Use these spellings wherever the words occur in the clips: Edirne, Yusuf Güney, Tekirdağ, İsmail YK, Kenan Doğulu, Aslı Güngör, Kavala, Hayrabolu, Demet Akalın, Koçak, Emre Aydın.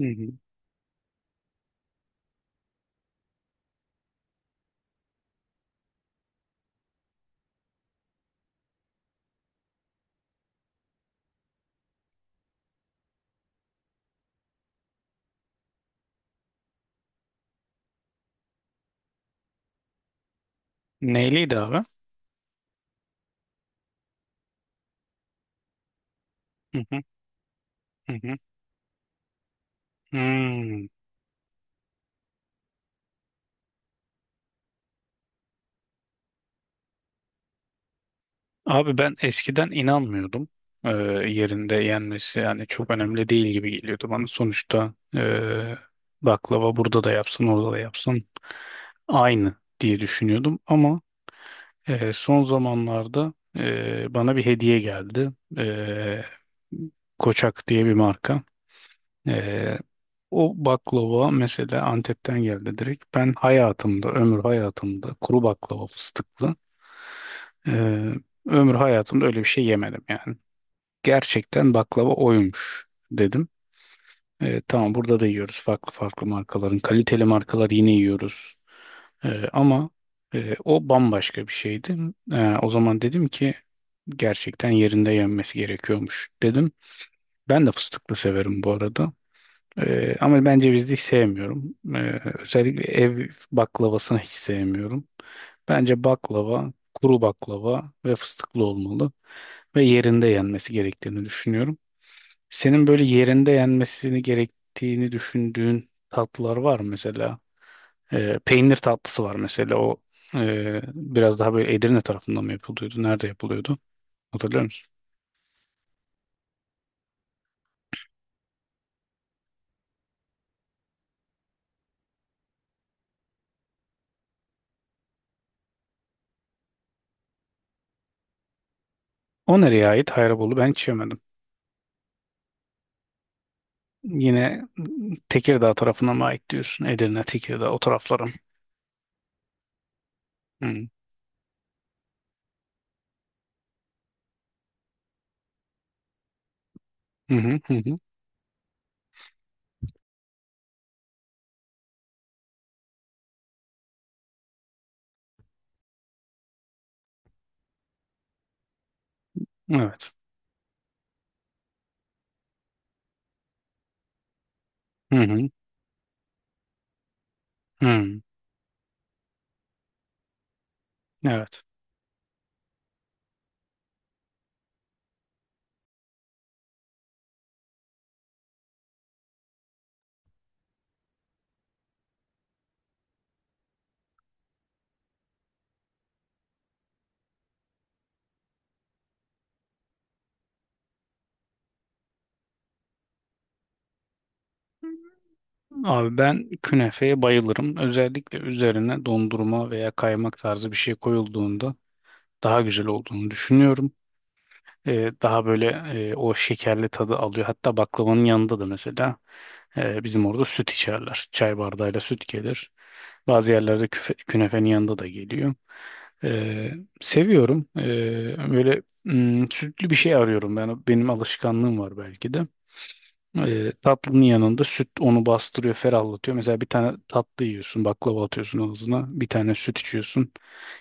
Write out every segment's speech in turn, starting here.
Hı hı. Neyliydi abi? Hı hı, hı hı. Hmm. Abi ben eskiden inanmıyordum. Ee, Yerinde yenmesi yani çok önemli değil gibi geliyordu bana. Sonuçta baklava burada da yapsın orada da yapsın aynı diye düşünüyordum. Ama son zamanlarda bana bir hediye geldi. Ee, Koçak diye bir marka. E, O baklava mesela Antep'ten geldi direkt. Ben hayatımda, ömür hayatımda kuru baklava fıstıklı eee, ömür hayatımda öyle bir şey yemedim yani. Gerçekten baklava oymuş dedim. Tamam burada da yiyoruz farklı farklı markaların. Kaliteli markalar yine yiyoruz. Ama o bambaşka bir şeydi. O zaman dedim ki gerçekten yerinde yenmesi gerekiyormuş dedim. Ben de fıstıklı severim bu arada. Ama ben cevizli hiç sevmiyorum. Özellikle ev baklavasını hiç sevmiyorum. Bence baklava, kuru baklava ve fıstıklı olmalı ve yerinde yenmesi gerektiğini düşünüyorum. Senin böyle yerinde yenmesini gerektiğini düşündüğün tatlılar var mı mesela? Peynir tatlısı var mesela. O biraz daha böyle Edirne tarafından mı yapılıyordu? Nerede yapılıyordu? Hatırlıyor musun? O nereye ait? Hayrabolu ben hiç yemedim. Yine Tekirdağ tarafına mı ait diyorsun? Edirne, Tekirdağ o taraflarım. Hı hı hı, hı hı. Evet. Hı hı, hı. Evet. Abi ben künefeye bayılırım. Özellikle üzerine dondurma veya kaymak tarzı bir şey koyulduğunda daha güzel olduğunu düşünüyorum. Daha böyle o şekerli tadı alıyor. Hatta baklavanın yanında da mesela bizim orada süt içerler. Çay bardağıyla süt gelir. Bazı yerlerde künefenin yanında da geliyor. E, Seviyorum. Böyle mm, sütlü bir şey arıyorum. Benim alışkanlığım var belki de. Tatlının yanında süt onu bastırıyor, ferahlatıyor. Mesela bir tane tatlı yiyorsun, baklava atıyorsun ağzına. Bir tane süt içiyorsun.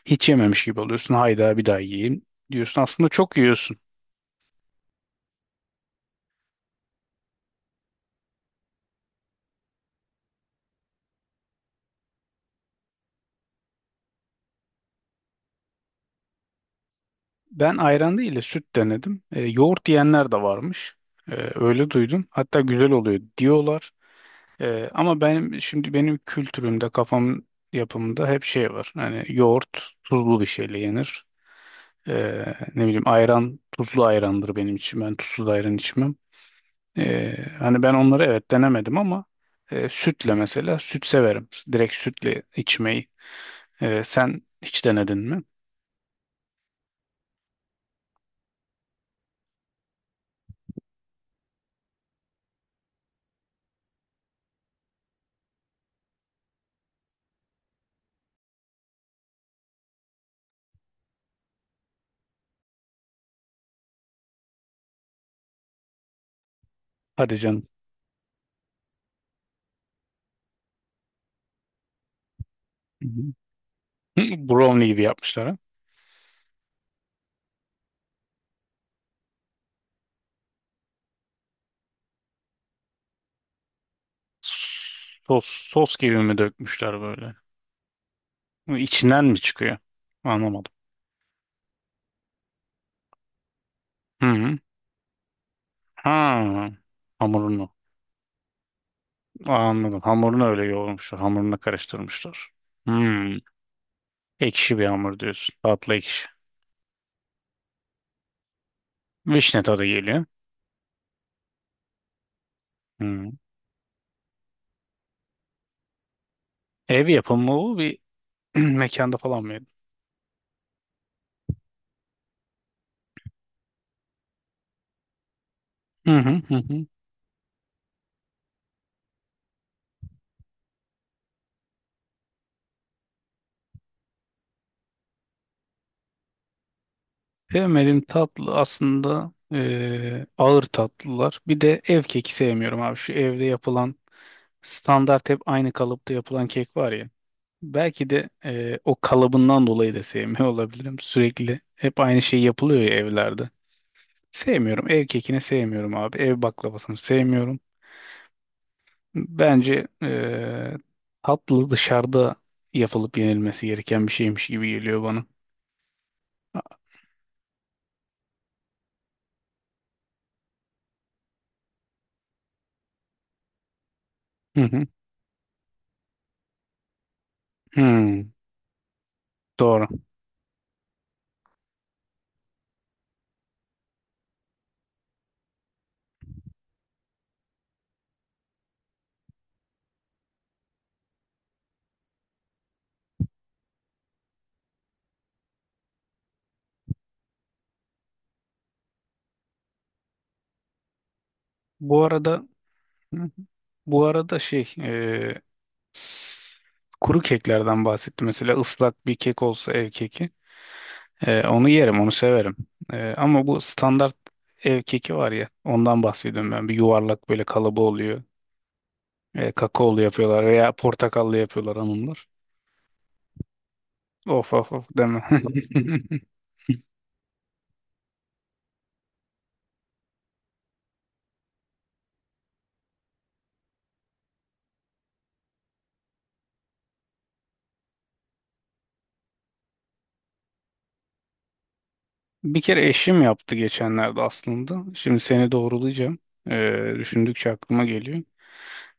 Hiç yememiş gibi oluyorsun. Hayda bir daha yiyeyim diyorsun. Aslında çok yiyorsun. Ben ayran değil de süt denedim. Yoğurt diyenler de varmış. Öyle duydum. Hatta güzel oluyor diyorlar. Ama benim kültürümde, kafam yapımında hep şey var. Hani yoğurt tuzlu bir şeyle yenir. E, Ne bileyim ayran tuzlu ayrandır benim için. Ben tuzsuz ayran içmem. Hani ben onları evet denemedim ama sütle mesela süt severim. Direkt sütle içmeyi. Sen hiç denedin mi? Hadi canım. Hı hı. Brownie gibi yapmışlar ha. Sos, sos gibi mi dökmüşler böyle? Bu İçinden mi çıkıyor? Anlamadım. Hı hı. Ha. Hamurunu. Aa, anladım. Hamurunu öyle yoğurmuşlar. Hamurunu karıştırmışlar. Hmm. Ekşi bir hamur diyorsun. Tatlı ekşi. Vişne tadı geliyor. Hmm. Ev yapımı bu bir mekanda falan mı yedin? Hı hı hı, hı. Sevmediğim tatlı aslında ağır tatlılar. Bir de ev keki sevmiyorum abi. Şu evde yapılan standart hep aynı kalıpta yapılan kek var ya. Belki de o kalıbından dolayı da sevmiyor olabilirim. Sürekli hep aynı şey yapılıyor ya evlerde. Sevmiyorum. Ev kekini sevmiyorum abi. Ev baklavasını sevmiyorum. Bence tatlı dışarıda yapılıp yenilmesi gereken bir şeymiş gibi geliyor bana. Hı hı. Hmm, doğru. Bu arada hı hı, bu arada s- kuru keklerden bahsetti. Mesela ıslak bir kek olsa ev keki. Onu yerim, onu severim. Ama bu standart ev keki var ya, ondan bahsediyorum ben. Bir yuvarlak böyle kalıbı oluyor. Kakaolu yapıyorlar veya portakallı yapıyorlar hanımlar. Of of of deme. Bir kere eşim yaptı geçenlerde aslında. Şimdi seni doğrulayacağım. Düşündükçe aklıma geliyor.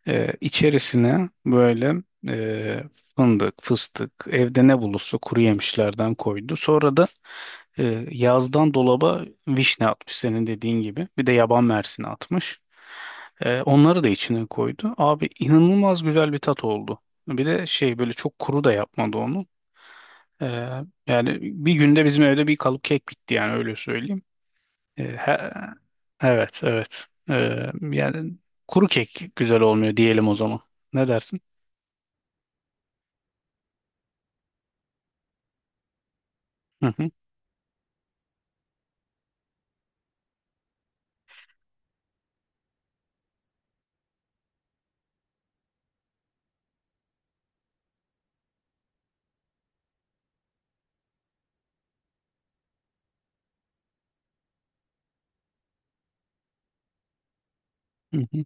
İçerisine böyle e, fındık, fıstık, evde ne bulursa kuru yemişlerden koydu. Sonra da e, yazdan dolaba vişne atmış senin dediğin gibi. Bir de yaban mersini atmış. Onları da içine koydu. Abi inanılmaz güzel bir tat oldu. Bir de şey böyle çok kuru da yapmadı onu. E, Yani bir günde bizim evde bir kalıp kek bitti yani öyle söyleyeyim. E, he- evet, evet. Yani kuru kek güzel olmuyor diyelim o zaman. Ne dersin? Hı hı, hı hı.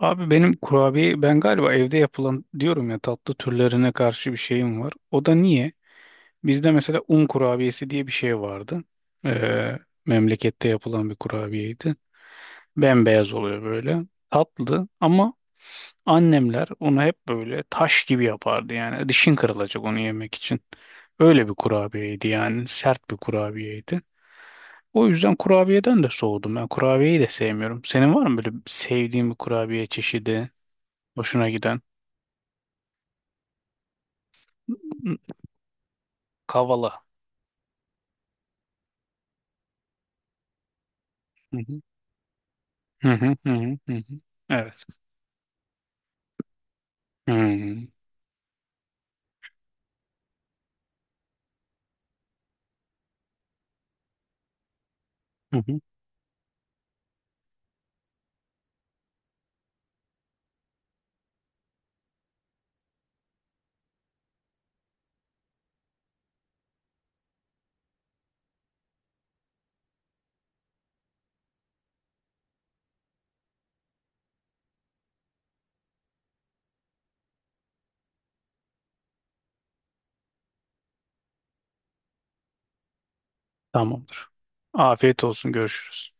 Abi benim kurabiye ben galiba evde yapılan diyorum ya tatlı türlerine karşı bir şeyim var. O da niye? Bizde mesela un kurabiyesi diye bir şey vardı. E, Memlekette yapılan bir kurabiyeydi. Bembeyaz oluyor böyle. Tatlı ama annemler onu hep böyle taş gibi yapardı yani. Dişin kırılacak onu yemek için. Öyle bir kurabiyeydi yani. Sert bir kurabiyeydi. O yüzden kurabiyeden de soğudum. Ben kurabiyeyi de sevmiyorum. Senin var mı böyle sevdiğin bir kurabiye çeşidi? Hoşuna giden? Kavala. Hı hı. Hı hı hı hı, hı hı. Evet. Hı hı. Hı hı. Tamamdır. Afiyet olsun. Görüşürüz.